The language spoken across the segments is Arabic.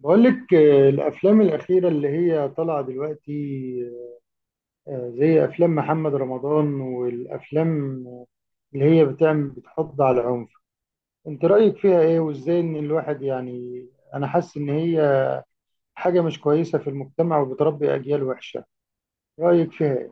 بقول لك الافلام الاخيره اللي هي طالعه دلوقتي. زي افلام محمد رمضان والافلام اللي هي بتحض على العنف. انت رايك فيها ايه وازاي ان الواحد، يعني انا حاسس ان هي حاجه مش كويسه في المجتمع وبتربي اجيال وحشه. رايك فيها ايه؟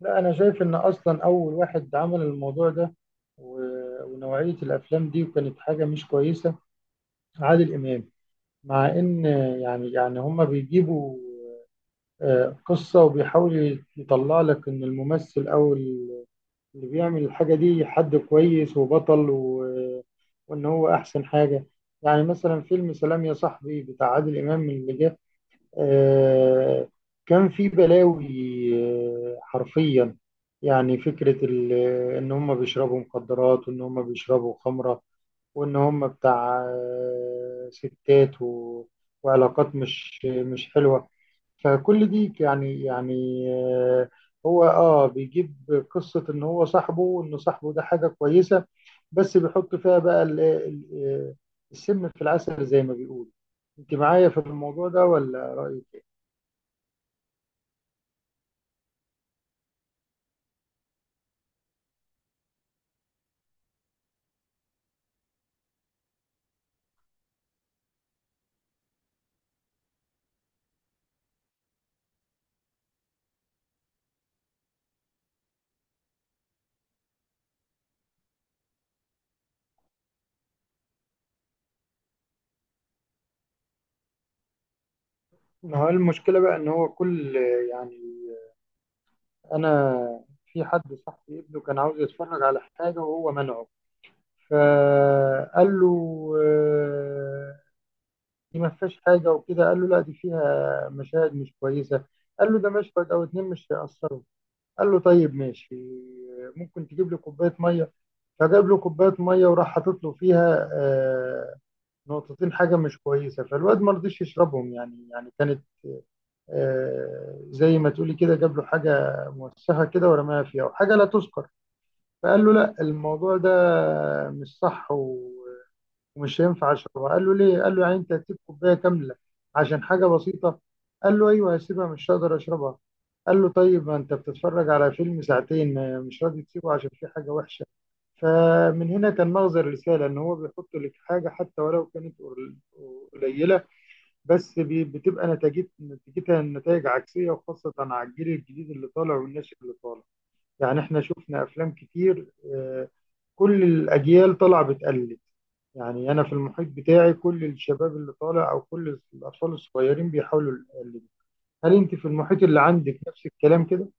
لا، انا شايف ان اصلا اول واحد عمل الموضوع ده ونوعيه الافلام دي وكانت حاجه مش كويسه، عادل امام. مع ان، يعني، هما بيجيبوا قصة وبيحاول يطلع لك إن الممثل أو اللي بيعمل الحاجة دي حد كويس وبطل وإن هو أحسن حاجة. يعني مثلا فيلم سلام يا صاحبي بتاع عادل إمام اللي جاي، آه، كان في بلاوي. حرفيا، يعني فكرة إن هم بيشربوا مخدرات وإن هم بيشربوا خمرة، وإن هم بتاع ستات وعلاقات مش حلوة. فكل دي يعني، آه، هو بيجيب قصة ان هو صاحبه، وان صاحبه ده حاجة كويسة. بس بيحط فيها بقى السم في العسل زي ما بيقول. انت معايا في الموضوع ده ولا رأيك؟ ما هو المشكلة بقى إن هو كل، يعني، أنا في حد صاحبي ابنه كان عاوز يتفرج على حاجة وهو منعه. فقال له آه، دي ما فيهاش حاجة وكده. قال له لا، دي فيها مشاهد مش كويسة. قال له ده مشهد أو اتنين مش هيأثروا. قال له طيب ماشي، ممكن تجيب لي كوباية مية؟ فجاب له كوباية مية، وراح حاطط له فيها نقطتين حاجة مش كويسة. فالواد ما رضيش يشربهم. يعني، كانت، زي ما تقولي كده، جاب له حاجة موسخة كده ورماها فيها، وحاجة لا تذكر. فقال له لا، الموضوع ده مش صح ومش هينفع أشربها. قال له ليه؟ قال له يعني أنت هتسيب كوباية كاملة عشان حاجة بسيطة؟ قال له أيوه، هسيبها، مش هقدر أشربها. قال له طيب، ما أنت بتتفرج على فيلم ساعتين مش راضي تسيبه عشان فيه حاجة وحشة. فمن هنا كان مغزى الرسالة، إن هو بيحط لك حاجة حتى ولو كانت قليلة، بس بتبقى نتيجتها نتائج عكسية، وخاصة على الجيل الجديد اللي طالع والناشئ اللي طالع. يعني احنا شفنا أفلام كتير. آه، كل الأجيال طالعة بتقلد. يعني أنا في المحيط بتاعي كل الشباب اللي طالع، أو كل الأطفال الصغيرين بيحاولوا يقلدوا. هل أنت في المحيط اللي عندك نفس الكلام كده؟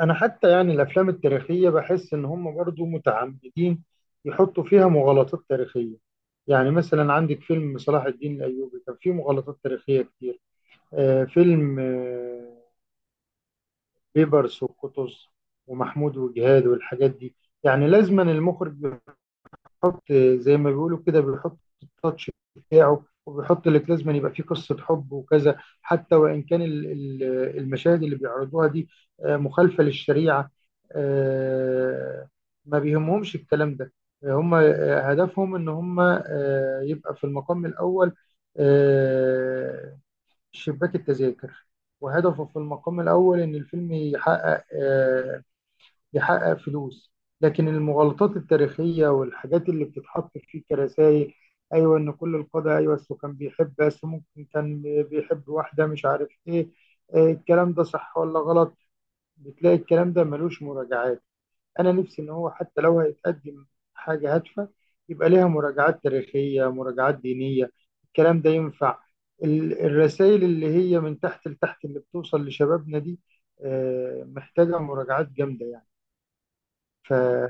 أنا حتى يعني الأفلام التاريخية بحس إن هم برضو متعمدين يحطوا فيها مغالطات تاريخية. يعني مثلا عندك فيلم صلاح الدين الأيوبي، كان فيه مغالطات تاريخية كتير. فيلم بيبرس وقطز ومحمود وجهاد والحاجات دي. يعني لازما المخرج بيحط، زي ما بيقولوا كده، بيحط التاتش بتاعه، وبيحط لك لازما يبقى فيه قصة حب وكذا، حتى وإن كان المشاهد اللي بيعرضوها دي مخالفة للشريعة. آه، ما بيهمهمش الكلام ده. هم هدفهم ان هم يبقى في المقام الأول آه، شباك التذاكر. وهدفه في المقام الأول إن الفيلم يحقق فلوس. لكن المغالطات التاريخية والحاجات اللي بتتحط فيه كرسائل، أيوة، إن كل القادة، أيوة، أصله كان بيحب، بس ممكن كان بيحب واحدة مش عارف إيه، الكلام ده صح ولا غلط؟ بتلاقي الكلام ده ملوش مراجعات. انا نفسي ان هو حتى لو هيتقدم حاجه هادفه، يبقى ليها مراجعات تاريخيه، مراجعات دينيه، الكلام ده ينفع. الرسائل اللي هي من تحت لتحت اللي بتوصل لشبابنا دي محتاجه مراجعات جامده يعني. فانا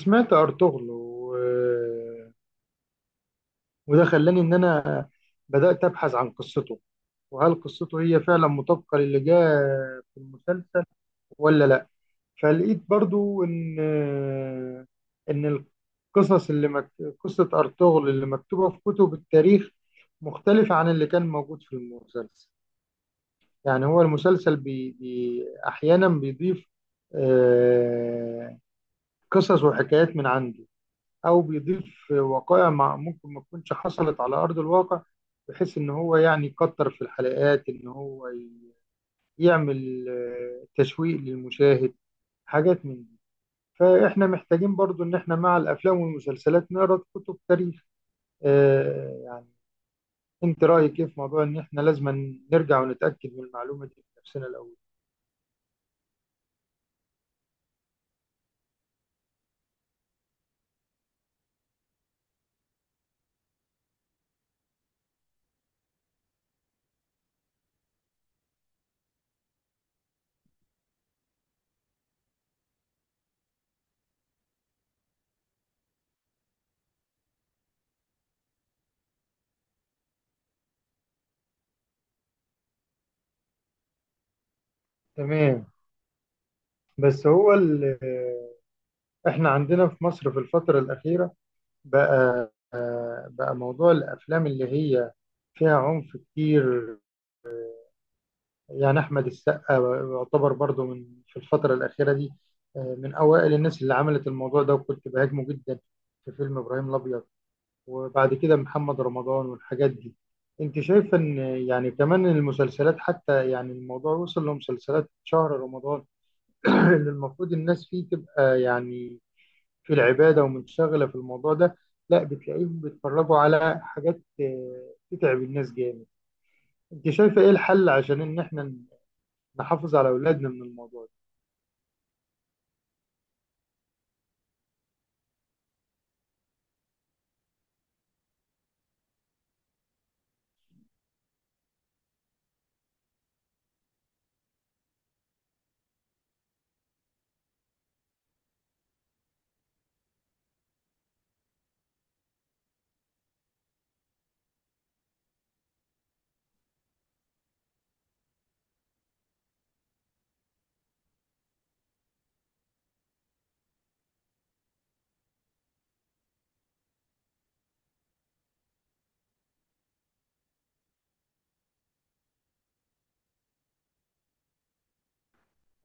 سمعت ارطغرل، وده خلاني ان انا بدات ابحث عن قصته، وهل قصته هي فعلا مطابقه للي جاء في المسلسل ولا لا. فلقيت برضو ان ان القصص قصة ارطغرل اللي مكتوبة في كتب التاريخ مختلفة عن اللي كان موجود في المسلسل. يعني هو المسلسل احيانا بيضيف آه، قصص وحكايات من عنده، او بيضيف وقائع ممكن ما تكونش حصلت على ارض الواقع، بحيث ان هو يعني يكتر في الحلقات، ان هو يعمل تشويق للمشاهد، حاجات من دي. فاحنا محتاجين برضو ان احنا مع الافلام والمسلسلات نقرا كتب تاريخ يعني. انت رايك ايه في موضوع ان احنا لازم نرجع ونتاكد من المعلومه دي بنفسنا الاول؟ تمام. بس هو احنا عندنا في مصر في الفتره الاخيره بقى، موضوع الافلام اللي هي فيها عنف كتير. يعني احمد السقا يعتبر برضو من، في الفتره الاخيره دي، من اوائل الناس اللي عملت الموضوع ده، وكنت بهاجمه جدا في فيلم ابراهيم الابيض، وبعد كده محمد رمضان والحاجات دي. انت شايف ان، يعني، كمان المسلسلات، حتى يعني الموضوع وصل لمسلسلات شهر رمضان اللي المفروض الناس فيه تبقى يعني في العبادة ومنشغلة في الموضوع ده. لا، بتلاقيهم بيتفرجوا على حاجات تتعب الناس جامد. انت شايفة ايه الحل عشان ان احنا نحافظ على اولادنا من الموضوع ده؟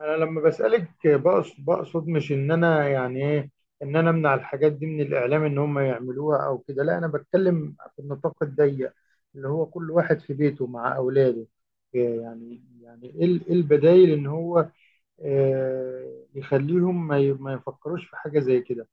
انا لما بسألك بقصد، بقصد مش ان انا يعني ايه، ان انا امنع الحاجات دي من الاعلام ان هم يعملوها او كده. لا، انا بتكلم في النطاق الضيق اللي هو كل واحد في بيته مع اولاده. إيه، يعني، إيه البدايل ان هو يخليهم ما يفكروش في حاجة زي كده؟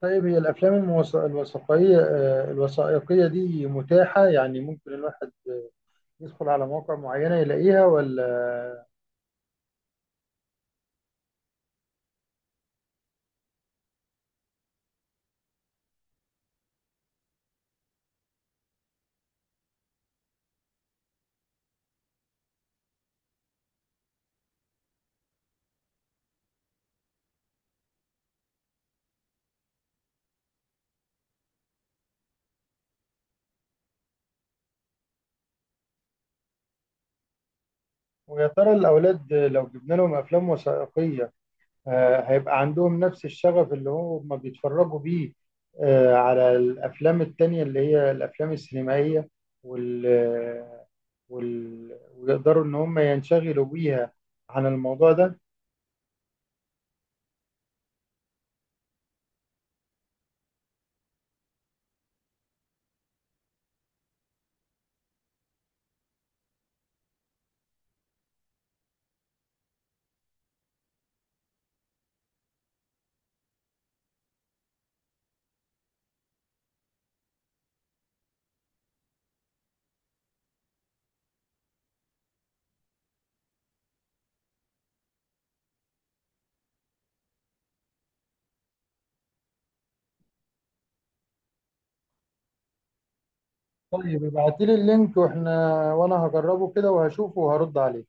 طيب هي الافلام الوثائقية الوثائقية دي متاحة؟ يعني ممكن الواحد يدخل على مواقع معينة يلاقيها ولا؟ ويا ترى الأولاد لو جبنا لهم أفلام وثائقية هيبقى عندهم نفس الشغف اللي هم بيتفرجوا بيه على الأفلام التانية اللي هي الأفلام السينمائية وال... ويقدروا إن هم ينشغلوا بيها عن الموضوع ده؟ طيب ابعتيلي اللينك، واحنا وأنا هجربه كده وهشوفه وهرد عليه.